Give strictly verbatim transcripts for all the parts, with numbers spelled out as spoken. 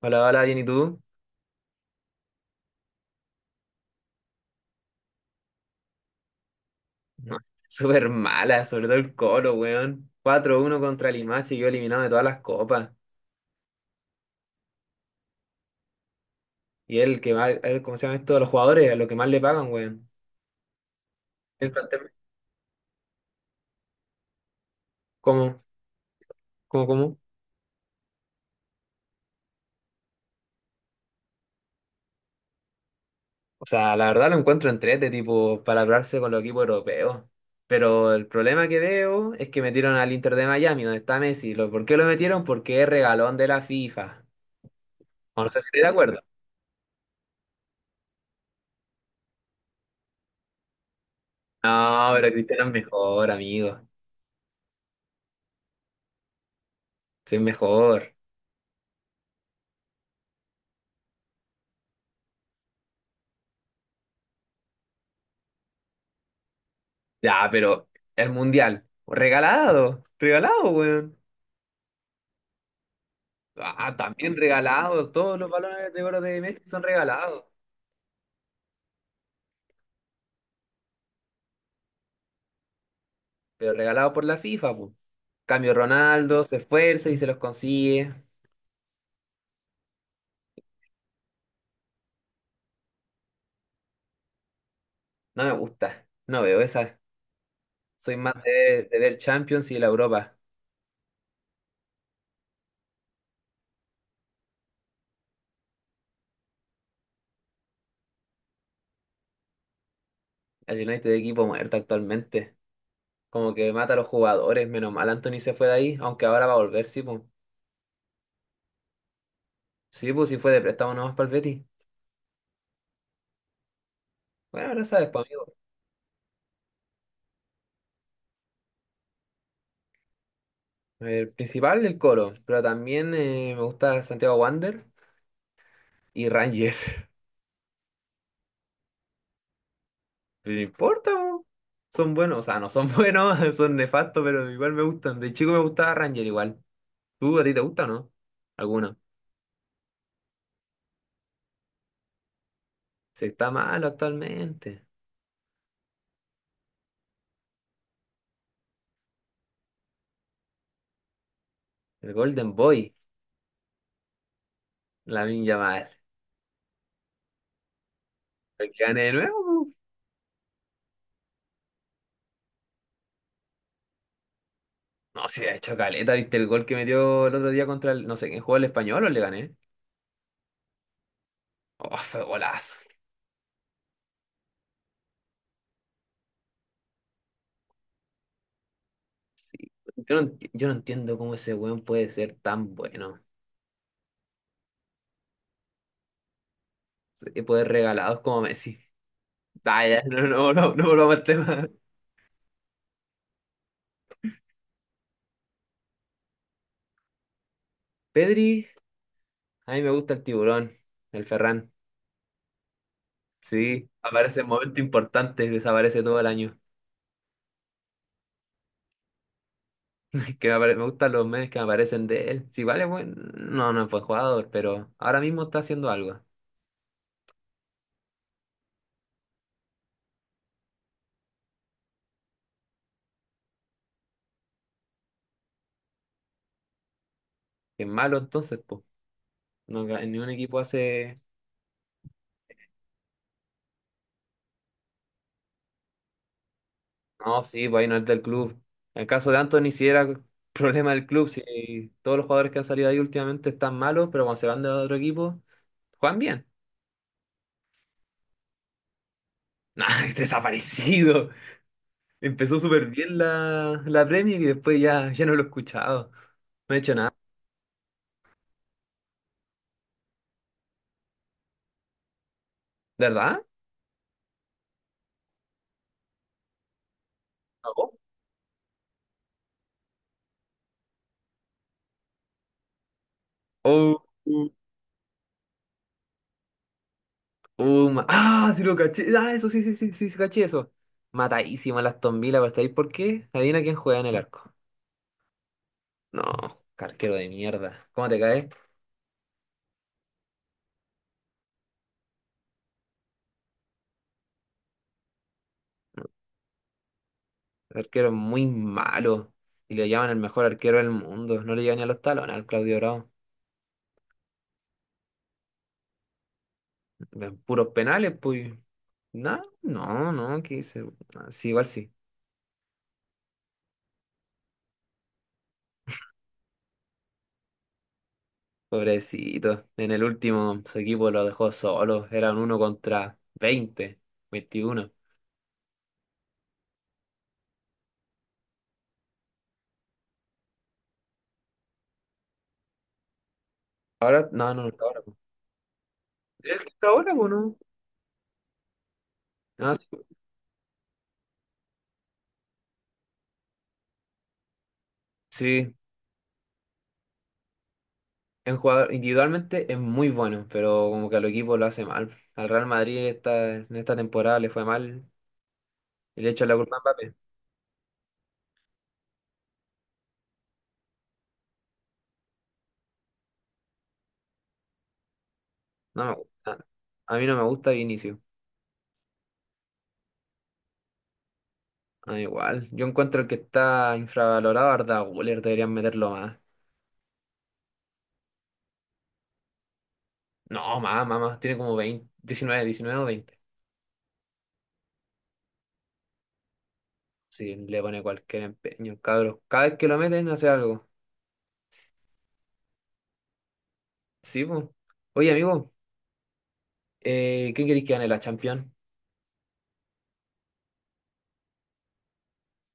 Hola, hola, bien, ¿y tú? No, súper mala, sobre todo el Colo, weón. Cuatro uno contra el Limache, yo eliminado de todas las copas. Y él que va, él, ¿cómo se llama esto? A los jugadores, a lo que más le pagan, weón. El plantel- ¿Cómo? ¿Cómo, cómo? O sea, la verdad lo encuentro entrete, tipo, para hablarse con los equipos europeos. Pero el problema que veo es que metieron al Inter de Miami, donde está Messi. ¿Lo- ¿Por qué lo metieron? Porque es regalón de la FIFA. O no sé si estoy de acuerdo. No, pero Cristiano es mejor, amigo. Sí, es mejor. Ya, pero el mundial, regalado, regalado, weón. Ah, también regalado, todos los balones de oro de Messi son regalados, pero regalados por la FIFA, pues. Cambio Ronaldo, se esfuerza y se los consigue. No me gusta, no veo esa. Soy más de, de ver Champions y la Europa. El United de equipo muerto actualmente. Como que mata a los jugadores, menos mal Anthony se fue de ahí, aunque ahora va a volver, sí, pues. Sí, pues, si fue de préstamo nomás para el Betis. Bueno, ahora sabes, pues, amigo. El principal, el Colo, pero también eh, me gusta Santiago Wander y Ranger. Pero no importa, po. Son buenos, o sea, no son buenos, son nefastos, pero igual me gustan. De chico me gustaba Ranger igual. ¿Tú a ti te gusta o no? ¿Alguno? Se está malo actualmente. El Golden Boy, la Yamal. El que gane de nuevo, po. No, si ha hecho caleta, ¿viste el gol que metió el otro día contra el, no sé quién jugó el español o le gané? Oh, fue golazo. Sí. Yo no, enti- yo no entiendo cómo ese weón puede ser tan bueno. Y poder regalados como Messi. Ah, ya, no, no, no, no volvamos al tema. Pedri, a mí me gusta el tiburón, el Ferran. Sí, aparece en momentos importantes, desaparece todo el año. Que me, apare- me gustan los memes que me aparecen de él. Si vale, bueno, no, no fue jugador, pero ahora mismo está haciendo algo. Que es malo entonces, pues. No, ga- ningún equipo hace... No, sí, pues ahí no es del club. En el caso de Anthony, sí era problema del club. Si todos los jugadores que han salido ahí últimamente están malos, pero cuando se van de otro equipo, juegan bien. Nah, es desaparecido. Empezó súper bien la, la Premier y después ya, ya no lo he escuchado. No he hecho nada. ¿De ¿Verdad? ¿Cagó? Oh, uh, oh, ma- ah, sí lo caché. Ah, eso sí, sí, sí, sí, sí, caché eso. Matadísima las Aston Villa, pero está ahí. ¿Por qué? Adivina quién juega en el arco. No, qué arquero de mierda. ¿Cómo te cae? El arquero es muy malo. Y le llaman el mejor arquero del mundo. No le llegan ni a los talones al Claudio Bravo. De puros penales, pues. No, no, no, que se... sí, igual sí. Pobrecito. En el último su equipo lo dejó solo. Eran uno contra veinte veintiuno. Ahora, no, no, no está ahora. Po. ¿Es que está ahora po, no? Ah, sí. Sí. Es un jugador individualmente es muy bueno, pero como que al equipo lo hace mal. Al Real Madrid esta, en esta temporada le fue mal y le echan la culpa a Mbappé. No me gusta. A mí no me gusta Vinicius. Ah, igual. Yo encuentro que está infravalorado Arda Güler. Deberían meterlo más. No, más, más, más. Tiene como veinte, diecinueve, diecinueve o veinte. Si le pone cualquier empeño, cabros. Cada vez que lo meten hace algo. Sí, po. Oye, amigo, eh, ¿quién queréis que gane la Champions?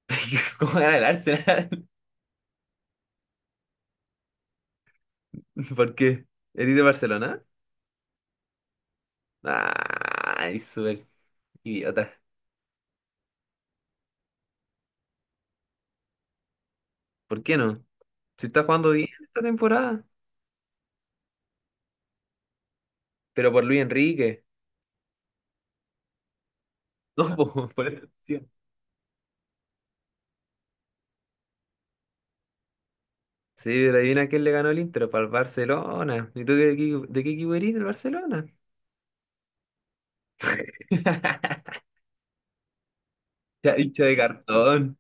¿Cómo gana el Arsenal? ¿Por qué? ¿Eres de Barcelona? Ay, súper idiota. ¿Por qué no? Si está jugando bien esta temporada. Pero por Luis Enrique. No, po, por esta opción. Sí, pero adivina quién le ganó el Inter, para el Barcelona. ¿Y tú de qué, de qué equipo eres del Barcelona? Ya, hincha de cartón.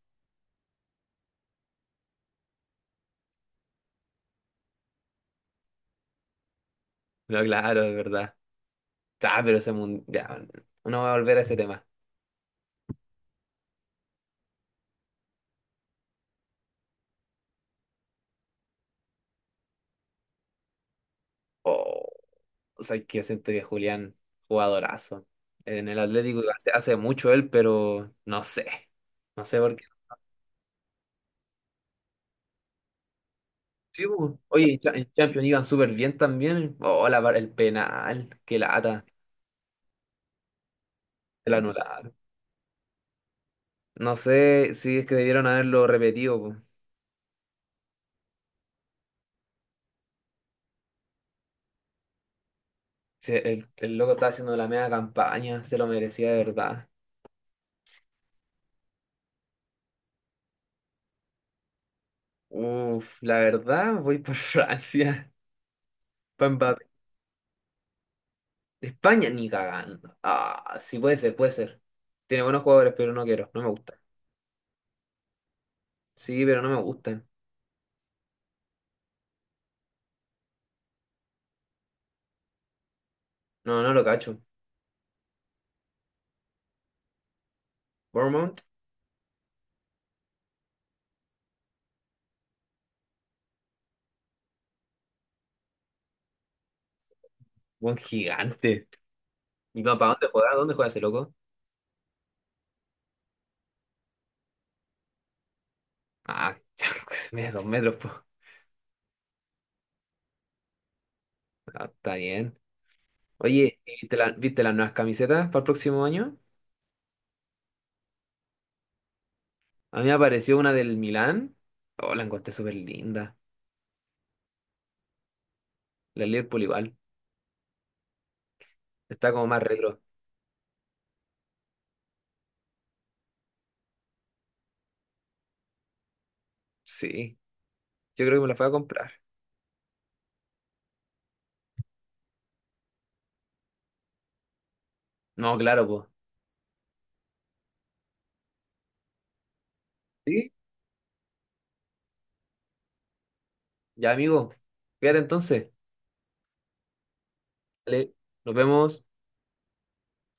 No, claro, es verdad. Ah, pero ese mundial. No voy a volver a ese tema. Oh, o sea, que siento que Julián, jugadorazo. En el Atlético hace, hace mucho él, pero no sé. No sé por qué. Sí, po. Oye, en Cha- en Champions iban súper bien también. Oh, la var- el penal. Qué lata. El anular. No sé si es que debieron haberlo repetido. Po. Si el, el loco estaba haciendo la media campaña. Se lo merecía de verdad. Uf, la verdad, voy por Francia. Pa' de España ni cagando. Ah, sí puede ser, puede ser. Tiene buenos jugadores, pero no quiero, no me gustan. Sí, pero no me gustan. No, no lo cacho. Bournemouth, buen gigante. ¿Y no, para dónde juega? ¿Dónde juega ese loco? Ah, mide dos metros, po. Ah, está bien. Oye, ¿viste, la- ¿viste las nuevas camisetas para el próximo año? A mí me apareció una del Milán. Oh, la encontré súper linda. La Liverpool igual. Está como más retro. Sí, yo creo que me la voy a comprar. No, claro, pues. Sí, ya amigo. Fíjate entonces. Dale, nos vemos.